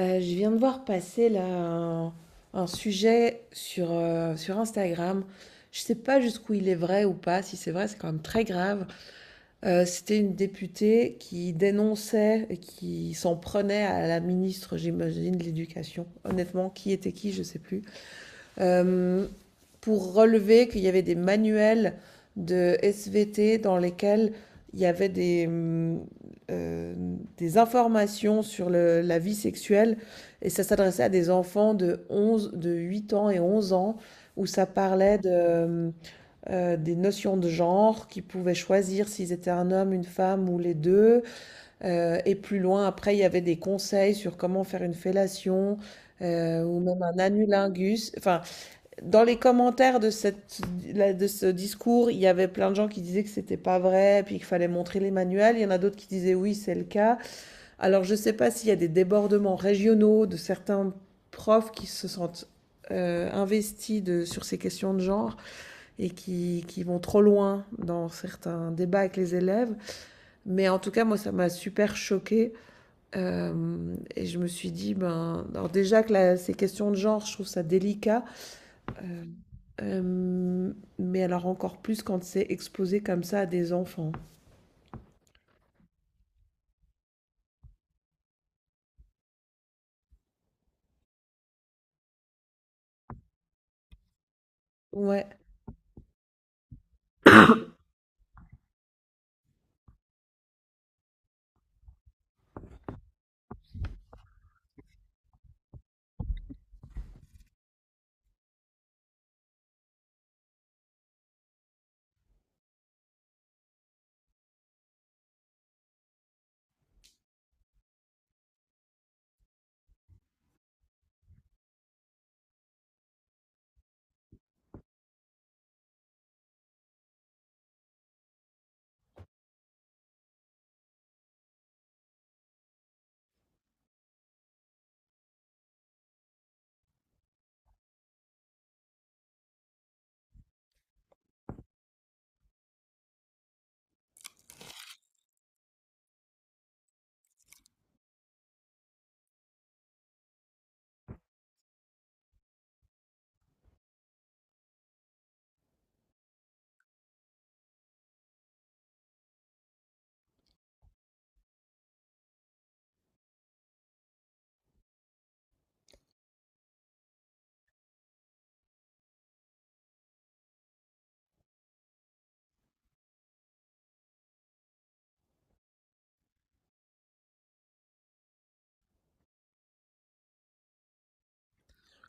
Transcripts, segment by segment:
Je viens de voir passer là un sujet sur, sur Instagram. Je sais pas jusqu'où il est vrai ou pas. Si c'est vrai, c'est quand même très grave. C'était une députée qui dénonçait et qui s'en prenait à la ministre, j'imagine, de l'Éducation. Honnêtement, qui était qui, je sais plus, euh, pour relever qu'il y avait des manuels de SVT dans lesquels il y avait euh, des informations sur la vie sexuelle, et ça s'adressait à des enfants de 11, de 8 ans et 11 ans, où ça parlait des notions de genre, qu'ils pouvaient choisir s'ils étaient un homme, une femme ou les deux. Et plus loin, après, il y avait des conseils sur comment faire une fellation, ou même un anulingus. Enfin, dans les commentaires de ce discours, il y avait plein de gens qui disaient que c'était pas vrai, puis qu'il fallait montrer les manuels. Il y en a d'autres qui disaient oui, c'est le cas. Alors je sais pas s'il y a des débordements régionaux de certains profs qui se sentent investis sur ces questions de genre, et qui vont trop loin dans certains débats avec les élèves. Mais en tout cas, moi, ça m'a super choquée. Et je me suis dit, ben, alors déjà que ces questions de genre, je trouve ça délicat. Euh, mais alors encore plus quand c'est exposé comme ça à des enfants. Ouais,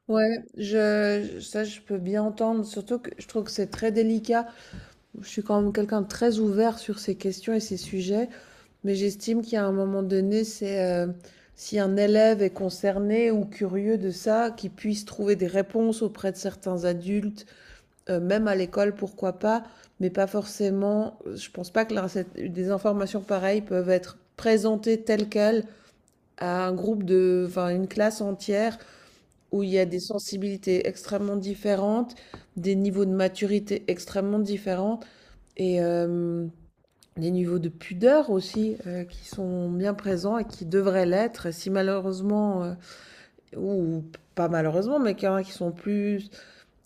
ouais, ça je peux bien entendre, surtout que je trouve que c'est très délicat. Je suis quand même quelqu'un de très ouvert sur ces questions et ces sujets, mais j'estime qu'il y a un moment donné, c'est, si un élève est concerné ou curieux de ça, qu'il puisse trouver des réponses auprès de certains adultes, même à l'école, pourquoi pas, mais pas forcément. Je pense pas que la cette des informations pareilles peuvent être présentées telles quelles à un groupe de, enfin, une classe entière, où il y a des sensibilités extrêmement différentes, des niveaux de maturité extrêmement différents, et des niveaux de pudeur aussi, qui sont bien présents et qui devraient l'être. Si malheureusement, ou pas malheureusement, mais qu'il y en a qui sont plus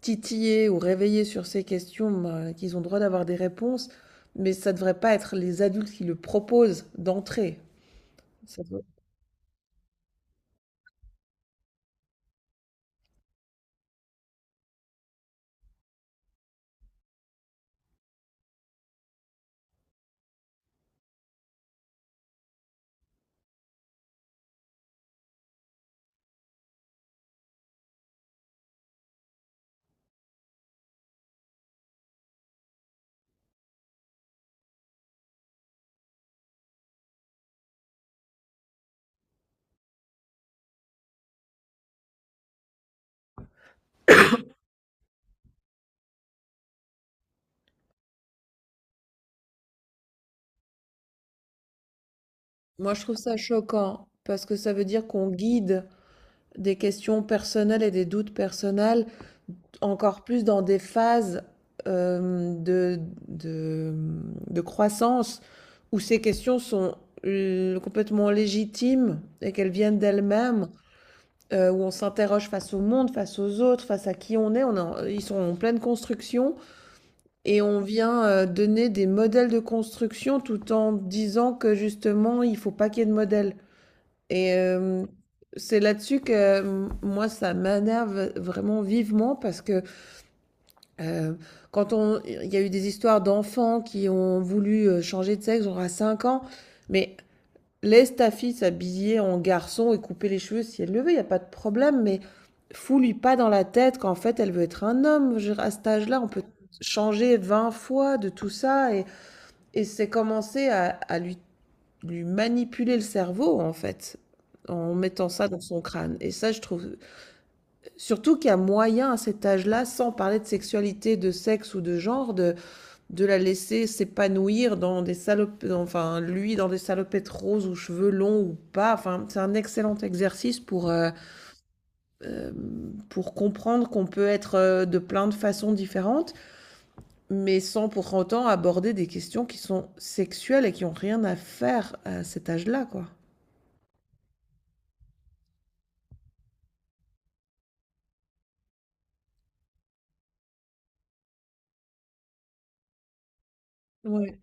titillés ou réveillés sur ces questions, ben, qu'ils ont droit d'avoir des réponses, mais ça devrait pas être les adultes qui le proposent d'entrée. Ça doit Moi, je trouve ça choquant parce que ça veut dire qu'on guide des questions personnelles et des doutes personnels, encore plus dans des phases, euh, de, de, de croissance, où ces questions sont complètement légitimes et qu'elles viennent d'elles-mêmes, où on s'interroge face au monde, face aux autres, face à qui on est. Ils sont en pleine construction, et on vient donner des modèles de construction tout en disant que justement, il faut pas qu'il y ait de modèles. Et c'est là-dessus que, moi, ça m'énerve vraiment vivement parce que, heu, quand on il y a eu des histoires d'enfants qui ont voulu, changer de sexe, genre à 5 ans. Mais laisse ta fille s'habiller en garçon et couper les cheveux si elle le veut, il y a pas de problème, mais fous-lui pas dans la tête qu'en fait, elle veut être un homme. Je veux dire, à cet âge-là, on peut changer 20 fois de tout ça, et c'est commencer à lui manipuler le cerveau, en fait, en mettant ça dans son crâne. Et ça, je trouve, surtout qu'il y a moyen à cet âge-là, sans parler de sexualité, de sexe ou de genre, de la laisser s'épanouir dans des salopes, enfin, lui, dans des salopettes roses ou cheveux longs ou pas. Enfin, c'est un excellent exercice pour comprendre qu'on peut être, de plein de façons différentes, mais sans pour autant aborder des questions qui sont sexuelles et qui ont rien à faire à cet âge-là, quoi. Ouais.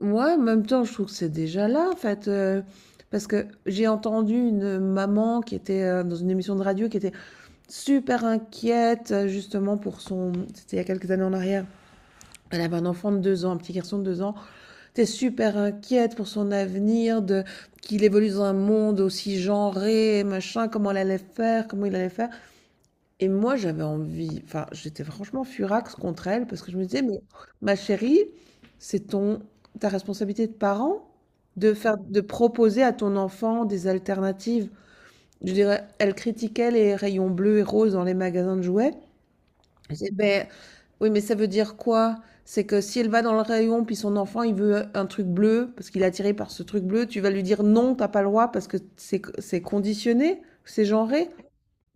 Moi, en même temps, je trouve que c'est déjà là, en fait, parce que j'ai entendu une maman qui était, dans une émission de radio, qui était super inquiète, justement pour son c'était il y a quelques années en arrière. Elle avait un enfant de 2 ans, un petit garçon de 2 ans. Elle super inquiète pour son avenir, de qu'il évolue dans un monde aussi genré machin, comment elle allait faire, comment il allait faire. Et moi, j'avais envie, enfin, j'étais franchement furax contre elle, parce que je me disais: «Mais ma chérie, c'est ton ta responsabilité de parent de proposer à ton enfant des alternatives.» Je dirais, elle critiquait les rayons bleus et roses dans les magasins de jouets. Je disais: «Beh, oui, mais ça veut dire quoi? C'est que si elle va dans le rayon, puis son enfant, il veut un truc bleu parce qu'il est attiré par ce truc bleu, tu vas lui dire: "Non, t'as pas le droit" parce que c'est conditionné, c'est genré?»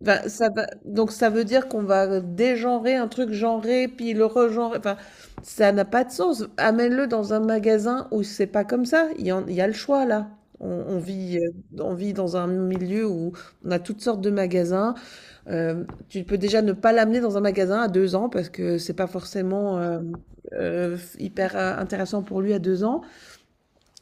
Enfin, ça va. Donc ça veut dire qu'on va dégenrer un truc genré, puis le regenrer. Enfin, ça n'a pas de sens. Amène-le dans un magasin où c'est pas comme ça. Il y a le choix là. On, on vit, euh, on vit dans un milieu où on a toutes sortes de magasins. Tu peux déjà ne pas l'amener dans un magasin à 2 ans, parce que c'est pas forcément, hyper, intéressant pour lui à 2 ans.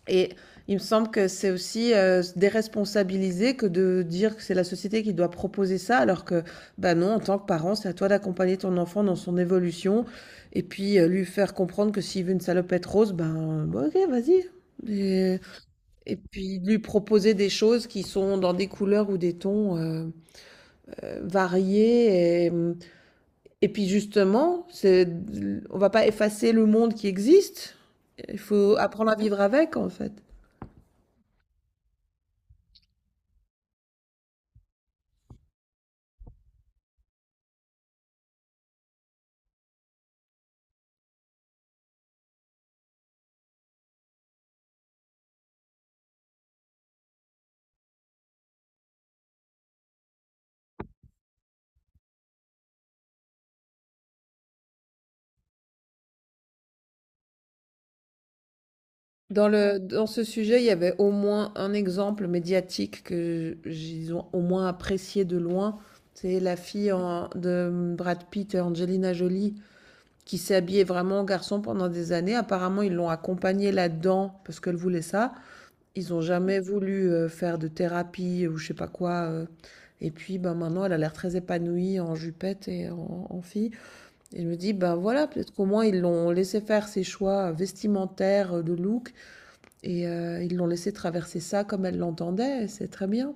Et il me semble que c'est aussi, déresponsabiliser que de dire que c'est la société qui doit proposer ça, alors que, bah non, en tant que parent, c'est à toi d'accompagner ton enfant dans son évolution, et puis, lui faire comprendre que s'il veut une salopette rose, ben bon, ok, vas-y. Et, et puis lui proposer des choses qui sont dans des couleurs ou des tons, variés. Et puis justement, c'est, on va pas effacer le monde qui existe. Il faut apprendre à vivre avec, en fait. Dans ce sujet, il y avait au moins un exemple médiatique que j'ai au moins apprécié de loin. C'est la fille de Brad Pitt et Angelina Jolie, qui s'est habillée vraiment en garçon pendant des années. Apparemment, ils l'ont accompagnée là-dedans parce qu'elle voulait ça. Ils n'ont jamais voulu, faire de thérapie ou je sais pas quoi. Et puis, ben, maintenant, elle a l'air très épanouie en jupette et en fille. Et je me dis, ben voilà, peut-être qu'au moins ils l'ont laissé faire ses choix vestimentaires, de look. Et ils l'ont laissé traverser ça comme elle l'entendait, c'est très bien.